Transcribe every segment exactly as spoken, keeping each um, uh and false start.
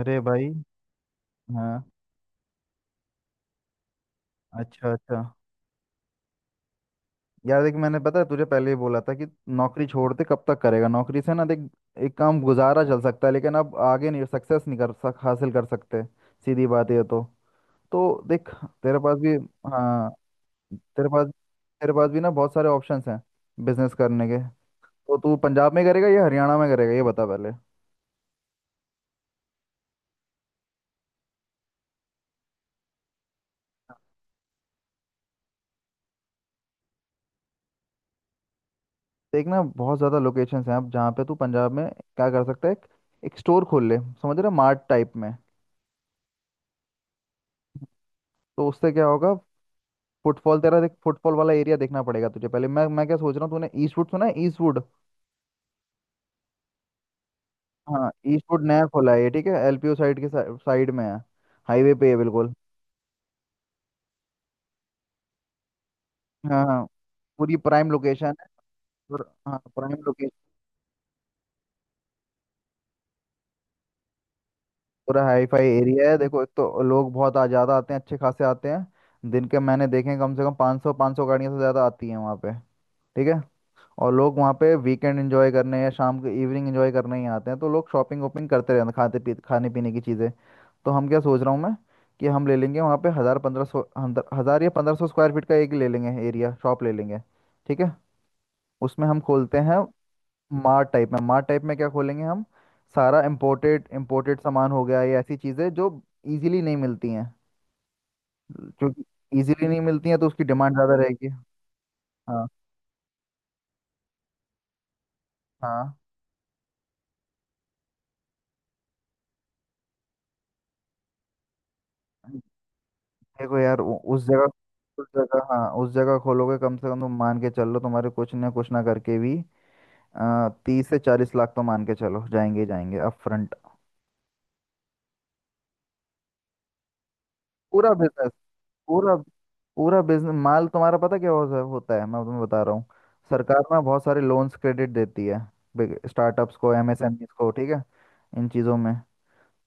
अरे भाई। हाँ। अच्छा अच्छा। यार देख, मैंने पता है तुझे पहले ही बोला था कि नौकरी छोड़ते कब तक करेगा नौकरी से, ना देख एक काम गुजारा चल सकता है लेकिन अब आगे नहीं, सक्सेस नहीं कर सक हासिल कर सकते। सीधी बात ये तो। तो देख, तेरे पास भी। हाँ, तेरे पास तेरे पास भी ना बहुत सारे ऑप्शंस हैं बिजनेस करने के। तो तू पंजाब में करेगा या हरियाणा में करेगा ये बता पहले। देख ना बहुत ज़्यादा लोकेशंस हैं, अब जहाँ पे तू पंजाब में क्या कर सकता है, एक, एक स्टोर खोल ले समझ रहा, मार्ट टाइप में। तो उससे क्या होगा, फुटफॉल तेरा, देख फुटफॉल वाला एरिया देखना पड़ेगा तुझे पहले। मैं मैं क्या सोच रहा हूँ, तूने ईस्टवुड सुना है ईस्टवुड। हाँ ईस्टवुड नया खोला है ये, ठीक है एलपीयू साइड के साइड में है, हाईवे पे है बिल्कुल। हाँ हाँ, पूरी प्राइम लोकेशन है। और हाँ प्राइम लोकेशन, पूरा हाई फाई एरिया है। देखो एक तो लोग बहुत आ ज़्यादा आते हैं, अच्छे खासे आते हैं, दिन के मैंने देखे हैं, कम से कम पाँच सौ 500 गाड़ियाँ से ज़्यादा आती हैं वहाँ पे। ठीक है। और लोग वहाँ पे वीकेंड एंजॉय करने या शाम को इवनिंग एंजॉय करने ही आते हैं, तो लोग शॉपिंग वॉपिंग करते रहते हैं, खाते पी खाने पीने की चीज़ें। तो हम क्या सोच रहा हूँ मैं, कि हम ले लेंगे वहाँ पे हज़ार पंद्रह सौ, हज़ार या पंद्रह सौ स्क्वायर फीट का एक ले लेंगे एरिया, शॉप ले लेंगे। ठीक है। उसमें हम खोलते हैं मार्ट टाइप में। मार्ट टाइप में क्या खोलेंगे हम, सारा इम्पोर्टेड इम्पोर्टेड सामान हो गया, या ऐसी चीज़ें जो इजीली नहीं मिलती हैं, क्योंकि इजीली नहीं मिलती हैं तो उसकी डिमांड ज़्यादा रहेगी। हाँ हाँ। देखो यार उ- उस जगह, उस जगह हाँ उस जगह खोलोगे, कम से कम तुम मान के चलो तुम्हारे कुछ ना कुछ ना करके भी, आ, तीस से चालीस लाख तो मान के चलो जाएंगे ही जाएंगे अप फ्रंट। पूरा बिजनेस, पूरा, पूरा बिजनेस माल तुम्हारा पता क्या हो- होता है, मैं तुम्हें बता रहा हूँ। सरकार ना बहुत सारे लोन्स क्रेडिट देती है स्टार्टअप्स को, एमएसएमईज को, ठीक है, इन चीज़ों में।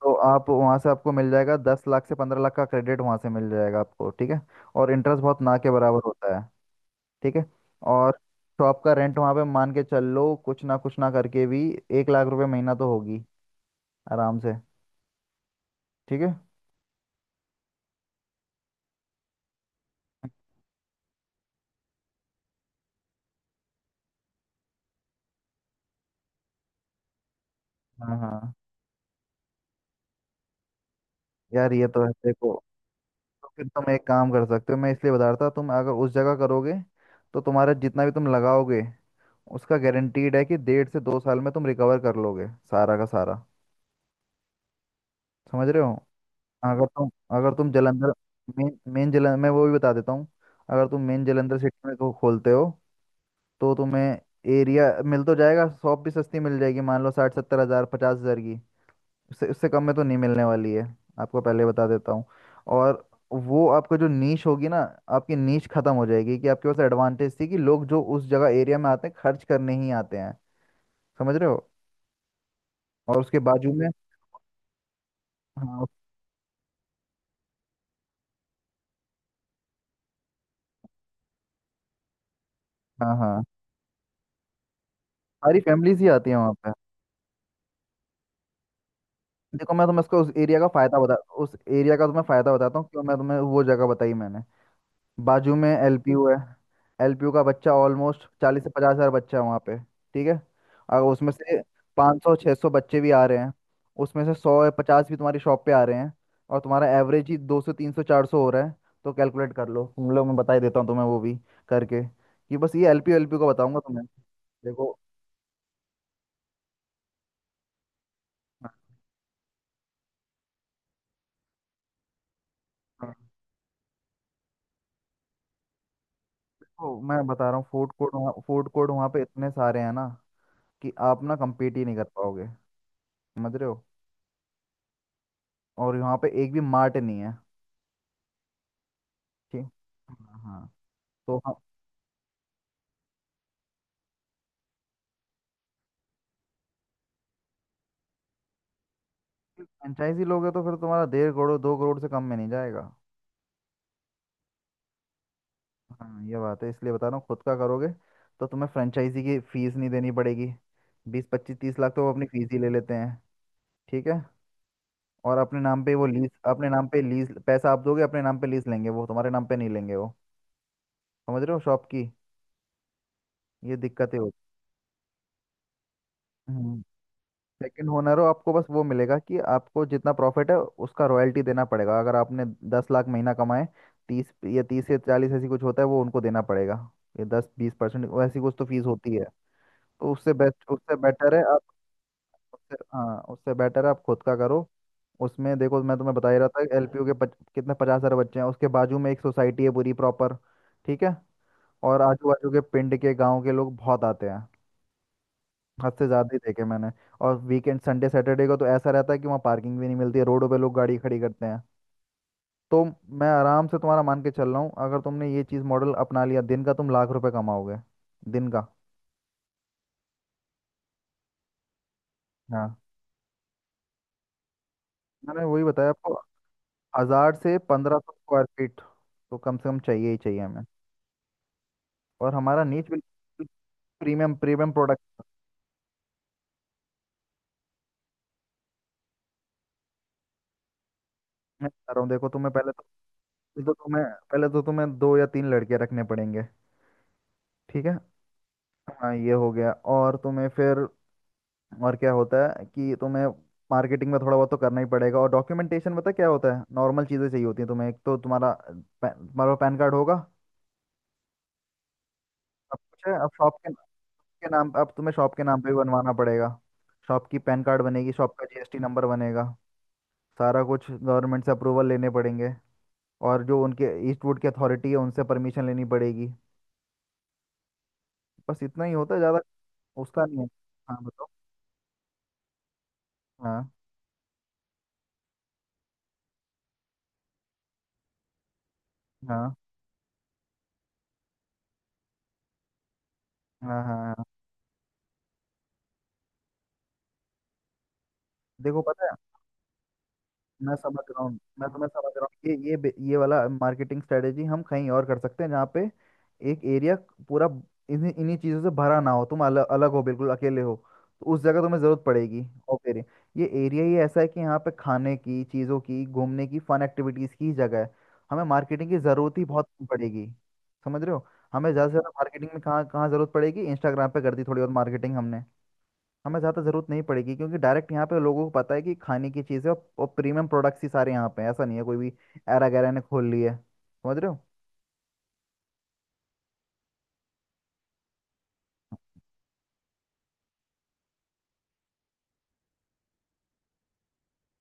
तो आप वहाँ से आपको मिल जाएगा दस लाख से पंद्रह लाख का क्रेडिट वहाँ से मिल जाएगा आपको, ठीक है। और इंटरेस्ट बहुत ना के बराबर होता है। ठीक है। और शॉप का रेंट वहां पे मान के चल लो, कुछ ना कुछ ना करके भी एक लाख रुपए महीना तो होगी आराम से। ठीक है। हाँ हाँ। यार ये तो है देखो, तो फिर तुम एक काम कर सकते हो, मैं इसलिए बता रहा था। तुम अगर उस जगह करोगे, तो तुम्हारा जितना भी तुम लगाओगे उसका गारंटीड है कि डेढ़ से दो साल में तुम रिकवर कर लोगे सारा का सारा, समझ रहे हो। अगर तुम, अगर तुम जलंधर मेन मेन जलंधर, मैं वो भी बता देता हूँ। अगर तुम मेन जलंधर सिटी में को खोलते हो, तो तुम्हें एरिया मिल तो जाएगा, शॉप भी सस्ती मिल जाएगी, मान लो साठ सत्तर हज़ार, पचास हज़ार की। उससे उससे कम में तो नहीं मिलने वाली है, आपको पहले बता देता हूँ। और वो आपका जो नीश होगी ना, आपकी नीश खत्म हो जाएगी, कि आपके पास एडवांटेज थी कि लोग जो उस जगह एरिया में आते हैं खर्च करने ही आते हैं, समझ रहे हो। और उसके बाजू में, हाँ उस- हाँ हाँ, सारी फैमिलीज ही आती हैं वहाँ पे। देखो मैं तुम्हें उसका उस एरिया का फायदा बता, उस एरिया का तुम्हें फायदा बताता हूँ क्यों मैं तुम्हें वो जगह बताई मैंने। बाजू में एलपीयू है। एलपीयू का बच्चा ऑलमोस्ट चालीस से पचास हजार बच्चा है वहाँ पे, ठीक है। और उसमें से पाँच सौ छः सौ बच्चे भी आ रहे हैं, उसमें से सौ या पचास भी तुम्हारी शॉप पे आ रहे हैं, और तुम्हारा एवरेज ही दो सौ तीन सौ चार सौ हो रहा है। तो कैलकुलेट कर लो तुम लोग, मैं बता ही देता हूँ तुम्हें वो भी करके, कि बस ये एलपीयू एलपीयू का बताऊंगा तुम्हें। देखो हाँ, हाँ, देखो मैं बता रहा हूँ, फूड कोर्ट वहाँ फूड कोर्ट वहाँ पे इतने सारे हैं ना, कि आप ना कम्पीट ही नहीं कर पाओगे, समझ रहे हो। और यहाँ पे एक भी मार्ट नहीं है। ठीक। हाँ हाँ। तो हम, फ्रेंचाइजी लोगे तो फिर तुम्हारा डेढ़ करोड़ दो करोड़ से कम में नहीं जाएगा। हाँ ये बात है, इसलिए बता रहा हूँ। खुद का करोगे तो तुम्हें फ्रेंचाइजी की फीस नहीं देनी पड़ेगी, बीस पच्चीस तीस लाख तो वो अपनी फीस ही ले लेते हैं, ठीक है। और अपने नाम पे वो लीज, अपने नाम पे लीज पैसा आप दोगे, अपने नाम पे लीज लेंगे वो, तुम्हारे नाम पे नहीं लेंगे वो, समझ रहे हो शॉप की ये दिक्कतें होती। सेकंड ओनर हो आपको, बस वो मिलेगा कि आपको जितना प्रॉफिट है उसका रॉयल्टी देना पड़ेगा। अगर आपने दस लाख महीना कमाए, तीस या तीस या चालीस ऐसी कुछ होता है वो उनको देना पड़ेगा, ये दस बीस परसेंट वैसी कुछ तो फीस होती है। तो उससे बेस्ट, उससे बेटर है आप, उससे हाँ उससे बेटर है आप खुद का करो। उसमें देखो मैं तुम्हें बता ही रहा था एलपीयू के पच, कितने पचास सारे बच्चे हैं, उसके बाजू में एक सोसाइटी है पूरी प्रॉपर, ठीक है। और आजू बाजू के पिंड के गांव के लोग बहुत आते हैं, हद से ज्यादा ही देखे मैंने। और वीकेंड संडे सैटरडे को तो ऐसा रहता है कि वहाँ पार्किंग भी नहीं मिलती है, रोडों पे लोग गाड़ी खड़ी करते हैं। तो मैं आराम से तुम्हारा मान के चल रहा हूँ, अगर तुमने ये चीज़ मॉडल अपना लिया दिन का तुम लाख रुपए कमाओगे, दिन का। हाँ, मैंने वही बताया आपको, हजार से पंद्रह सौ स्क्वायर फीट तो कम से कम चाहिए ही चाहिए हमें। और हमारा नीच बिल्कुल प्रीमियम, प्रीमियम प्रोडक्ट। में बता रहा हूँ देखो तुम्हें, पहले तो पहले तो तुम्हें पहले तो तुम्हें दो या तीन लड़के रखने पड़ेंगे, ठीक है। हाँ ये हो गया। और तुम्हें फिर, और क्या होता है कि तुम्हें मार्केटिंग में थोड़ा बहुत तो करना ही पड़ेगा, और डॉक्यूमेंटेशन पता है क्या होता है, नॉर्मल चीज़ें चाहिए होती हैं तुम्हें, एक तो तुम्हारा पै- तुम्हारा पैन कार्ड होगा, अब कुछ है। अब शॉप के, के नाम, अब तुम्हें शॉप के नाम पे भी बनवाना पड़ेगा, शॉप की पैन कार्ड बनेगी, शॉप का जीएसटी नंबर बनेगा, सारा कुछ गवर्नमेंट से अप्रूवल लेने पड़ेंगे। और जो उनके ईस्टवुड की अथॉरिटी है उनसे परमिशन लेनी पड़ेगी। बस इतना ही होता है ज़्यादा उसका नहीं है। हाँ बताओ। हाँ हाँ हाँ हाँ हाँ। देखो पता है, मैं समझ रहा हूँ, मैं तुम्हें समझ रहा हूँ, ये ये बे- ये वाला मार्केटिंग स्ट्रेटेजी हम कहीं और कर सकते हैं, जहाँ पे एक एरिया पूरा इन्हीं इन्हीं चीज़ों से भरा ना हो, तुम अलग अलग हो बिल्कुल, अकेले हो, तो उस जगह तुम्हें ज़रूरत पड़ेगी। और फिर ये एरिया ही ऐसा है कि यहाँ पे खाने की चीज़ों की, घूमने की, फन एक्टिविटीज़ की जगह है, हमें मार्केटिंग की ज़रूरत ही बहुत कम पड़ेगी, समझ रहे हो। हमें ज़्यादा से ज़्यादा मार्केटिंग में कहाँ कहाँ ज़रूरत पड़ेगी, इंस्टाग्राम पे कर दी थोड़ी बहुत मार्केटिंग हमने, हमें ज़्यादा ज़रूरत नहीं पड़ेगी। क्योंकि डायरेक्ट यहाँ पे लोगों को पता है कि खाने की चीज़ है, और, और प्रीमियम प्रोडक्ट्स ही सारे यहाँ पे हैं, ऐसा नहीं है कोई भी एरा गैरा ने खोल ली है, समझ रहे हो।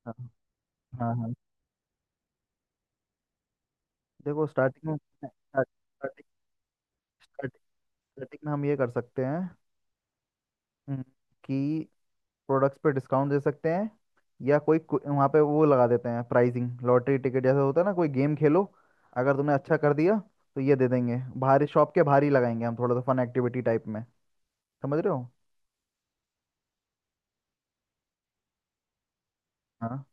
हाँ हाँ हाँ। देखो स्टार्टिंग में, स्टार्टिंग, स्टार्टिंग में हम ये कर सकते हैं, हम्म, कि प्रोडक्ट्स पे डिस्काउंट दे सकते हैं, या कोई कु- वहाँ पे वो लगा देते हैं प्राइजिंग लॉटरी टिकट जैसा होता है ना, कोई गेम खेलो, अगर तुमने अच्छा कर दिया तो ये दे देंगे, बाहर शॉप के बाहर ही लगाएंगे हम, थोड़ा सा फन एक्टिविटी टाइप में, समझ रहे हो। हाँ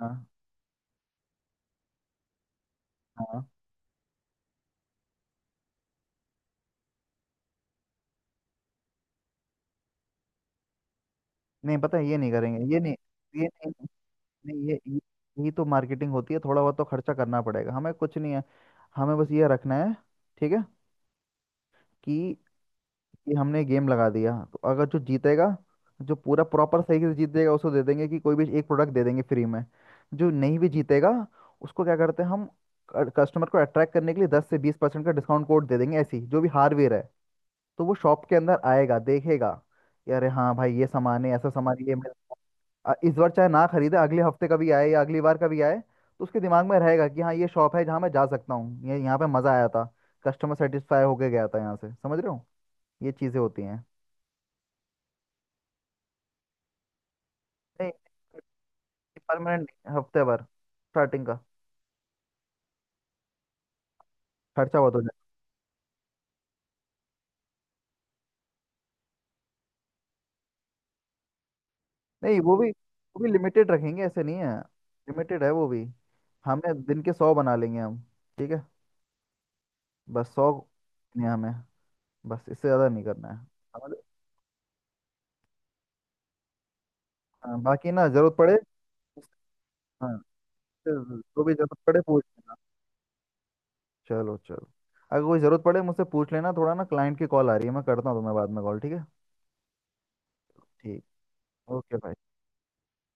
हाँ हाँ। नहीं पता है ये नहीं करेंगे, ये नहीं, ये नहीं, नहीं ये ये, ये तो मार्केटिंग होती है, थोड़ा बहुत तो खर्चा करना पड़ेगा हमें, कुछ नहीं है। हमें बस ये रखना है, ठीक है, कि, कि हमने गेम लगा दिया तो अगर जो जीतेगा, जो पूरा प्रॉपर सही से जीतेगा उसको दे देंगे, कि कोई भी एक प्रोडक्ट दे देंगे फ्री में। जो नहीं भी जीतेगा उसको क्या करते हैं हम, कस्टमर को अट्रैक्ट करने के लिए दस से बीस परसेंट का डिस्काउंट कोड दे देंगे, ऐसी जो भी हार्डवेयर है, तो वो शॉप के अंदर आएगा देखेगा कि अरे हाँ भाई ये सामान है, ऐसा सामान ये मिल, आ, इस बार चाहे ना खरीदे, अगले हफ्ते कभी आए या अगली बार कभी आए, तो उसके दिमाग में रहेगा कि हाँ ये शॉप है जहाँ मैं जा सकता हूँ, ये यहाँ पे मज़ा आया था, कस्टमर सेटिस्फाई होके गया था यहाँ से, समझ रहे हो, ये चीज़ें होती हैं। नहीं, परमानेंट, हफ्ते भर स्टार्टिंग का, खर्चा बहुत हो जाए। नहीं वो भी, वो भी लिमिटेड रखेंगे, ऐसे नहीं है, लिमिटेड है वो भी। हमें दिन के सौ बना लेंगे हम, ठीक है, बस सौ, नहीं हमें, बस इससे ज़्यादा नहीं करना है, समझ। हाँ, बाकी ना ज़रूरत पड़े, हाँ इससे जो भी जरूरत पड़े पूछ। चलो चलो, अगर कोई ज़रूरत पड़े मुझसे पूछ लेना, थोड़ा ना क्लाइंट की कॉल आ रही है, मैं करता हूँ तुम्हें बाद में कॉल, ठीक है। ठीक। ओके भाई।